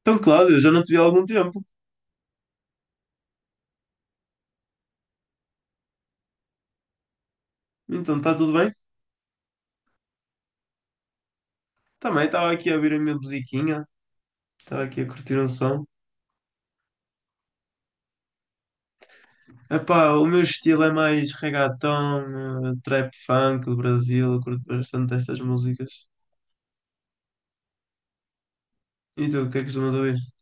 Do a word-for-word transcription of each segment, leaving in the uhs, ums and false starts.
Então, Cláudio, já não te vi há algum tempo. Então, está tudo bem? Também estava aqui a ouvir a minha musiquinha, estava aqui a curtir um som. Epá, o meu estilo é mais reggaeton, eh, trap funk do Brasil, eu curto bastante estas músicas. E tu, o que é que costumas ouvir?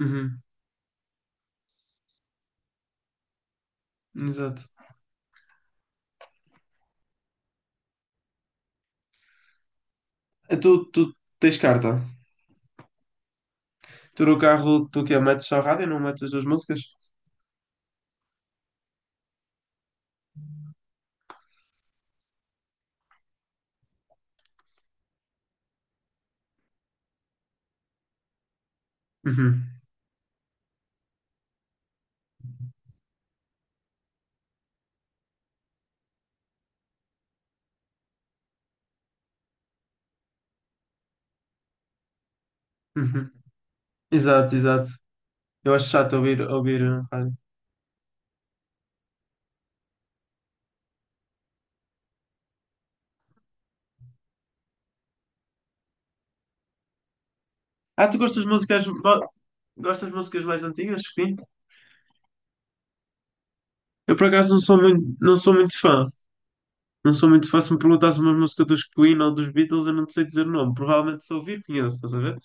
Uhum, exato. Eh, Tu, tu tens carta? Tu no carro, tu que é, metes só rádio e não metes as duas músicas? Uhum, uhum. Exato, exato. Eu acho chato ouvir, ouvir eh, rádio. Ah, tu gostas de músicas, ma- gostas de músicas mais antigas? Eu por acaso não sou muito, não sou muito fã. Não sou muito fã. Se me perguntasse uma música dos Queen ou dos Beatles, eu não te sei dizer o nome. Provavelmente se ouvir conheço, estás a ver?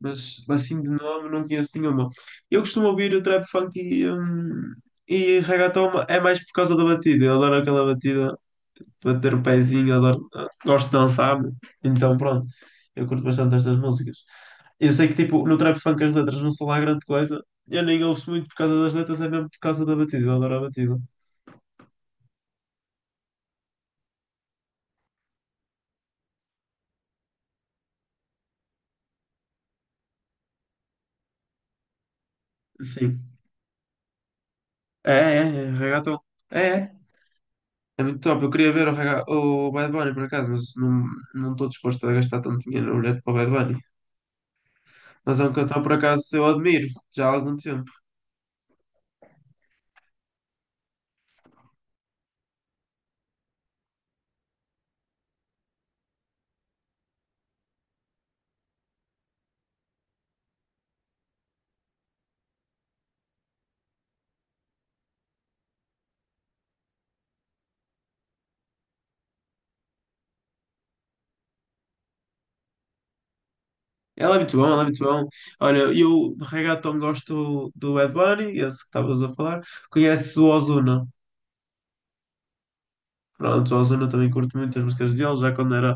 Mas assim de nome não conheço nenhuma. Eu costumo ouvir o trap funk e, hum, e reggaeton é mais por causa da batida. Eu adoro aquela batida para ter o pezinho, adoro, gosto de dançar, meu. Então pronto, eu curto bastante estas músicas. Eu sei que tipo, no trap funk as letras não são lá grande coisa, eu nem ouço muito por causa das letras, é mesmo por causa da batida, eu adoro a batida. Sim. É, é, é, reggaeton. É, é. É muito top. Eu queria ver o, Raga- o Bad Bunny por acaso, mas não não estou disposto a gastar tanto dinheiro no bilhete para o Bad Bunny. Mas é um cantor por acaso eu admiro já há algum tempo. Ela é muito bom, ela é muito bom. Olha, eu de reggaeton gosto do Bad Bunny, esse que estavas a falar. Conheço o Ozuna. Pronto, o Ozuna também curto muito as músicas dele. Já quando era,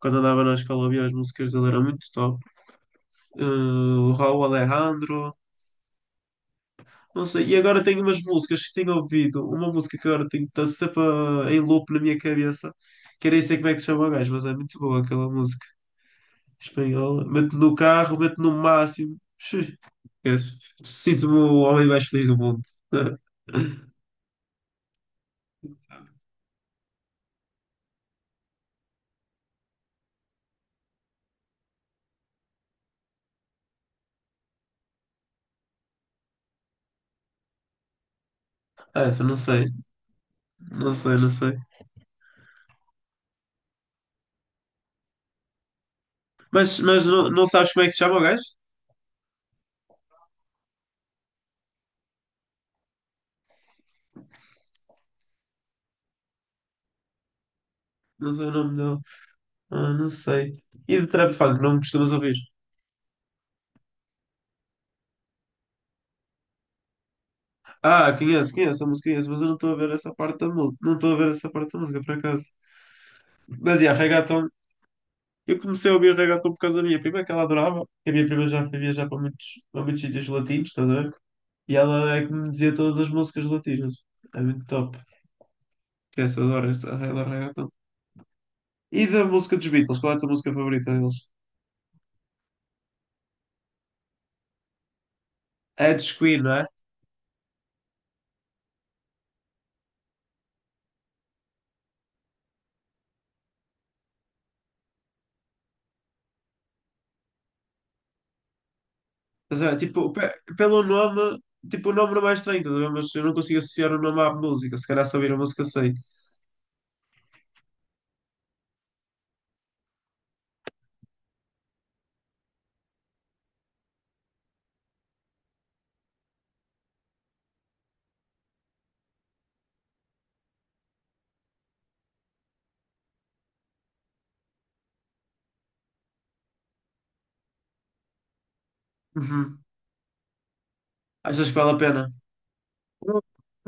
quando andava na escola havia as músicas dele, era muito top. Eh, o Raul Alejandro. Não sei. E agora tenho umas músicas que tenho ouvido. Uma música que agora tenho está sempre a- em loop na minha cabeça. Que nem sei como é que se chama o gajo, mas é muito boa aquela música espanhola. Mete no carro, mete no máximo. Xux. Esquece. Sinto-me o homem mais feliz do mundo. Ah, essa, não sei. Não sei, não sei. Mas, mas não, não sabes como é que se chama o gajo? Não sei o nome dele. Ah, não sei. E de trap funk, não me costumas ouvir? Ah, conheço, conheço a música, conheço, mas eu não estou a ver essa parte da música. Não estou a ver essa parte da música, por acaso. Mas, yeah, reggaeton. Eu comecei a ouvir reggaeton por causa da minha prima, que ela adorava. Que a minha prima já foi viajar para muitos, para muitos sítios latinos, estás a ver? E ela é que me dizia todas as músicas latinas. É muito top. Essa adora, esta adora reggaeton. E da música dos Beatles, qual é a tua música favorita deles? É dos Queen, não é? Estás a tipo, pe- pelo nome, tipo, o nome não é mais estranho, estás a ver? Mas eu não consigo associar o nome à música. Se calhar se ouvir a música sei. Uhum. Achas que vale a pena? Um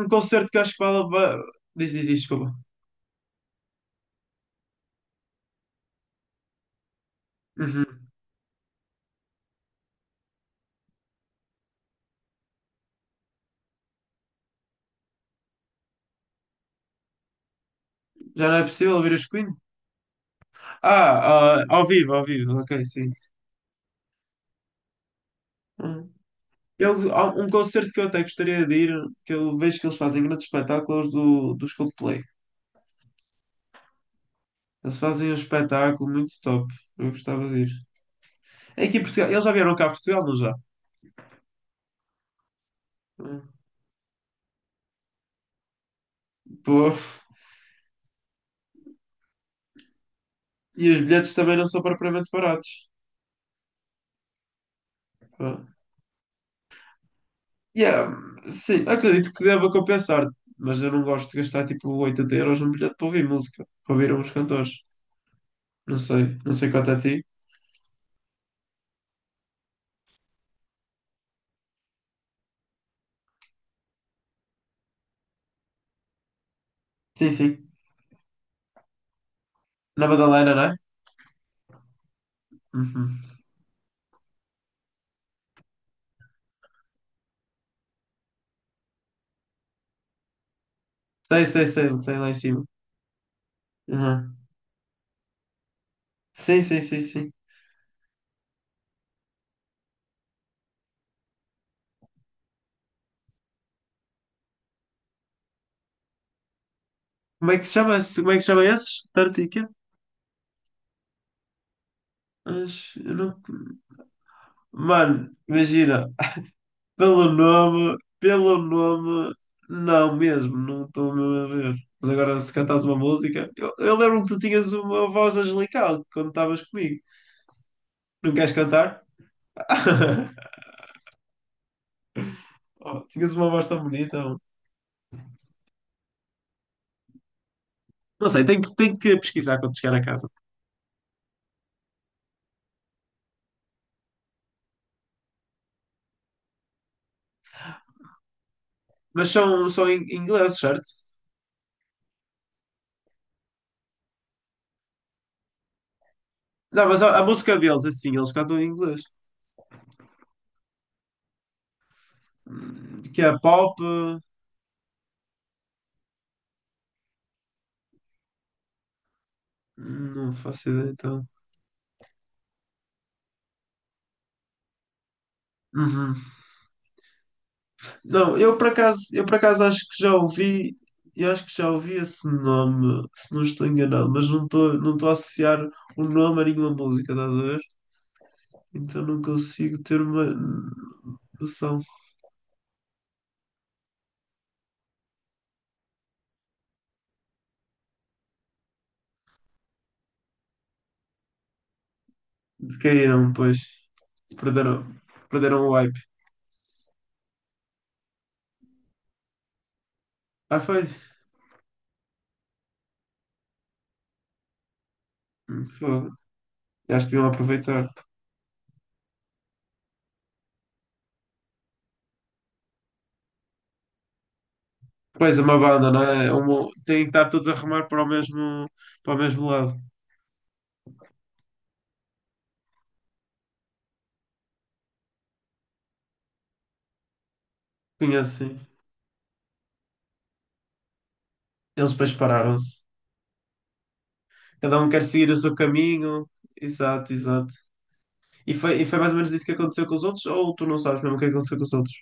um concerto que eu acho que vale. ba- Diz, diz, diz, desculpa. Uhum. Já não é possível ouvir os Queen? Ah, ah, ao vivo, ao vivo, ok, sim. Hum. Eu, há um concerto que eu até gostaria de ir, que eu vejo que eles fazem grandes espetáculos do, dos Coldplay. Eles fazem um espetáculo muito top. Eu gostava de ir. É aqui em Portugal. Eles já vieram cá a Portugal, não já? Hum. Pô. E os bilhetes também não são propriamente baratos. Yeah, sim, acredito que deva compensar, mas eu não gosto de gastar tipo oitenta euros num bilhete para ouvir música, para ouvir uns cantores. Não sei, não sei quanto é a ti. Sim, sim. Na Madalena, não é? Uhum. Sei, sei, sei, tem lá em cima. Uhum. Sim, sim, sim, sim. Como é que se chama esse? Como é que se chama esses? Tartica? Mas, eu não... Mano, imagina, pelo nome, pelo nome, não mesmo, não estou mesmo a ver. Mas agora, se cantasse uma música, eu, eu lembro que tu tinhas uma voz angelical quando estavas comigo. Não queres cantar? Oh, tinhas uma voz tão bonita, mano. Não sei, tenho, que- tenho que pesquisar quando chegar a casa. Mas são, são em em inglês, certo? Não, mas a, a música deles, assim, eles cantam em inglês. Hum, Que é pop. Hum, não faço ideia, então. Uhum. Não, eu por acaso, eu por acaso acho que já ouvi, eu acho que já ouvi esse nome, se não estou enganado, mas não estou não estou a associar o nome a nenhuma música, estás a ver? Então não consigo ter uma noção de caíram, pois perderam, perderam o hype. Ah, foi? Hum, Fogo. Já deviam aproveitar. Pois é uma banda, não é? É um- Tem que estar todos a remar para o mesmo, para o mesmo lado. Conhece, sim, é assim. Eles depois pararam-se. Cada um quer seguir o seu caminho. Exato, exato. E foi, e foi mais ou menos isso que aconteceu com os outros, ou tu não sabes mesmo o que aconteceu com os outros?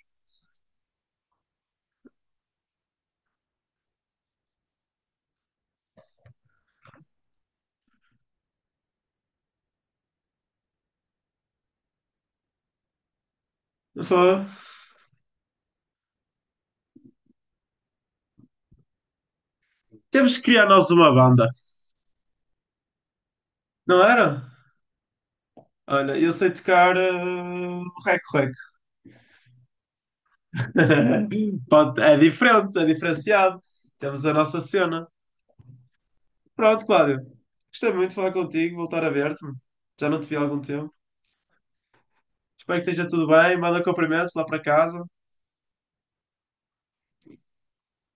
Foi. Temos que criar nós uma banda, não era? Olha, eu sei tocar uh, rec rec. Pronto, é diferente, é diferenciado. Temos a nossa cena. Pronto, Cláudio. Gostei muito de falar contigo, voltar a ver-te. Já não te vi há algum tempo. Espero que esteja tudo bem. Manda cumprimentos lá para casa.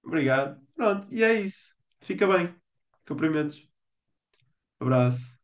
Obrigado. Pronto, e é isso. Fica bem. Cumprimentos. Abraço.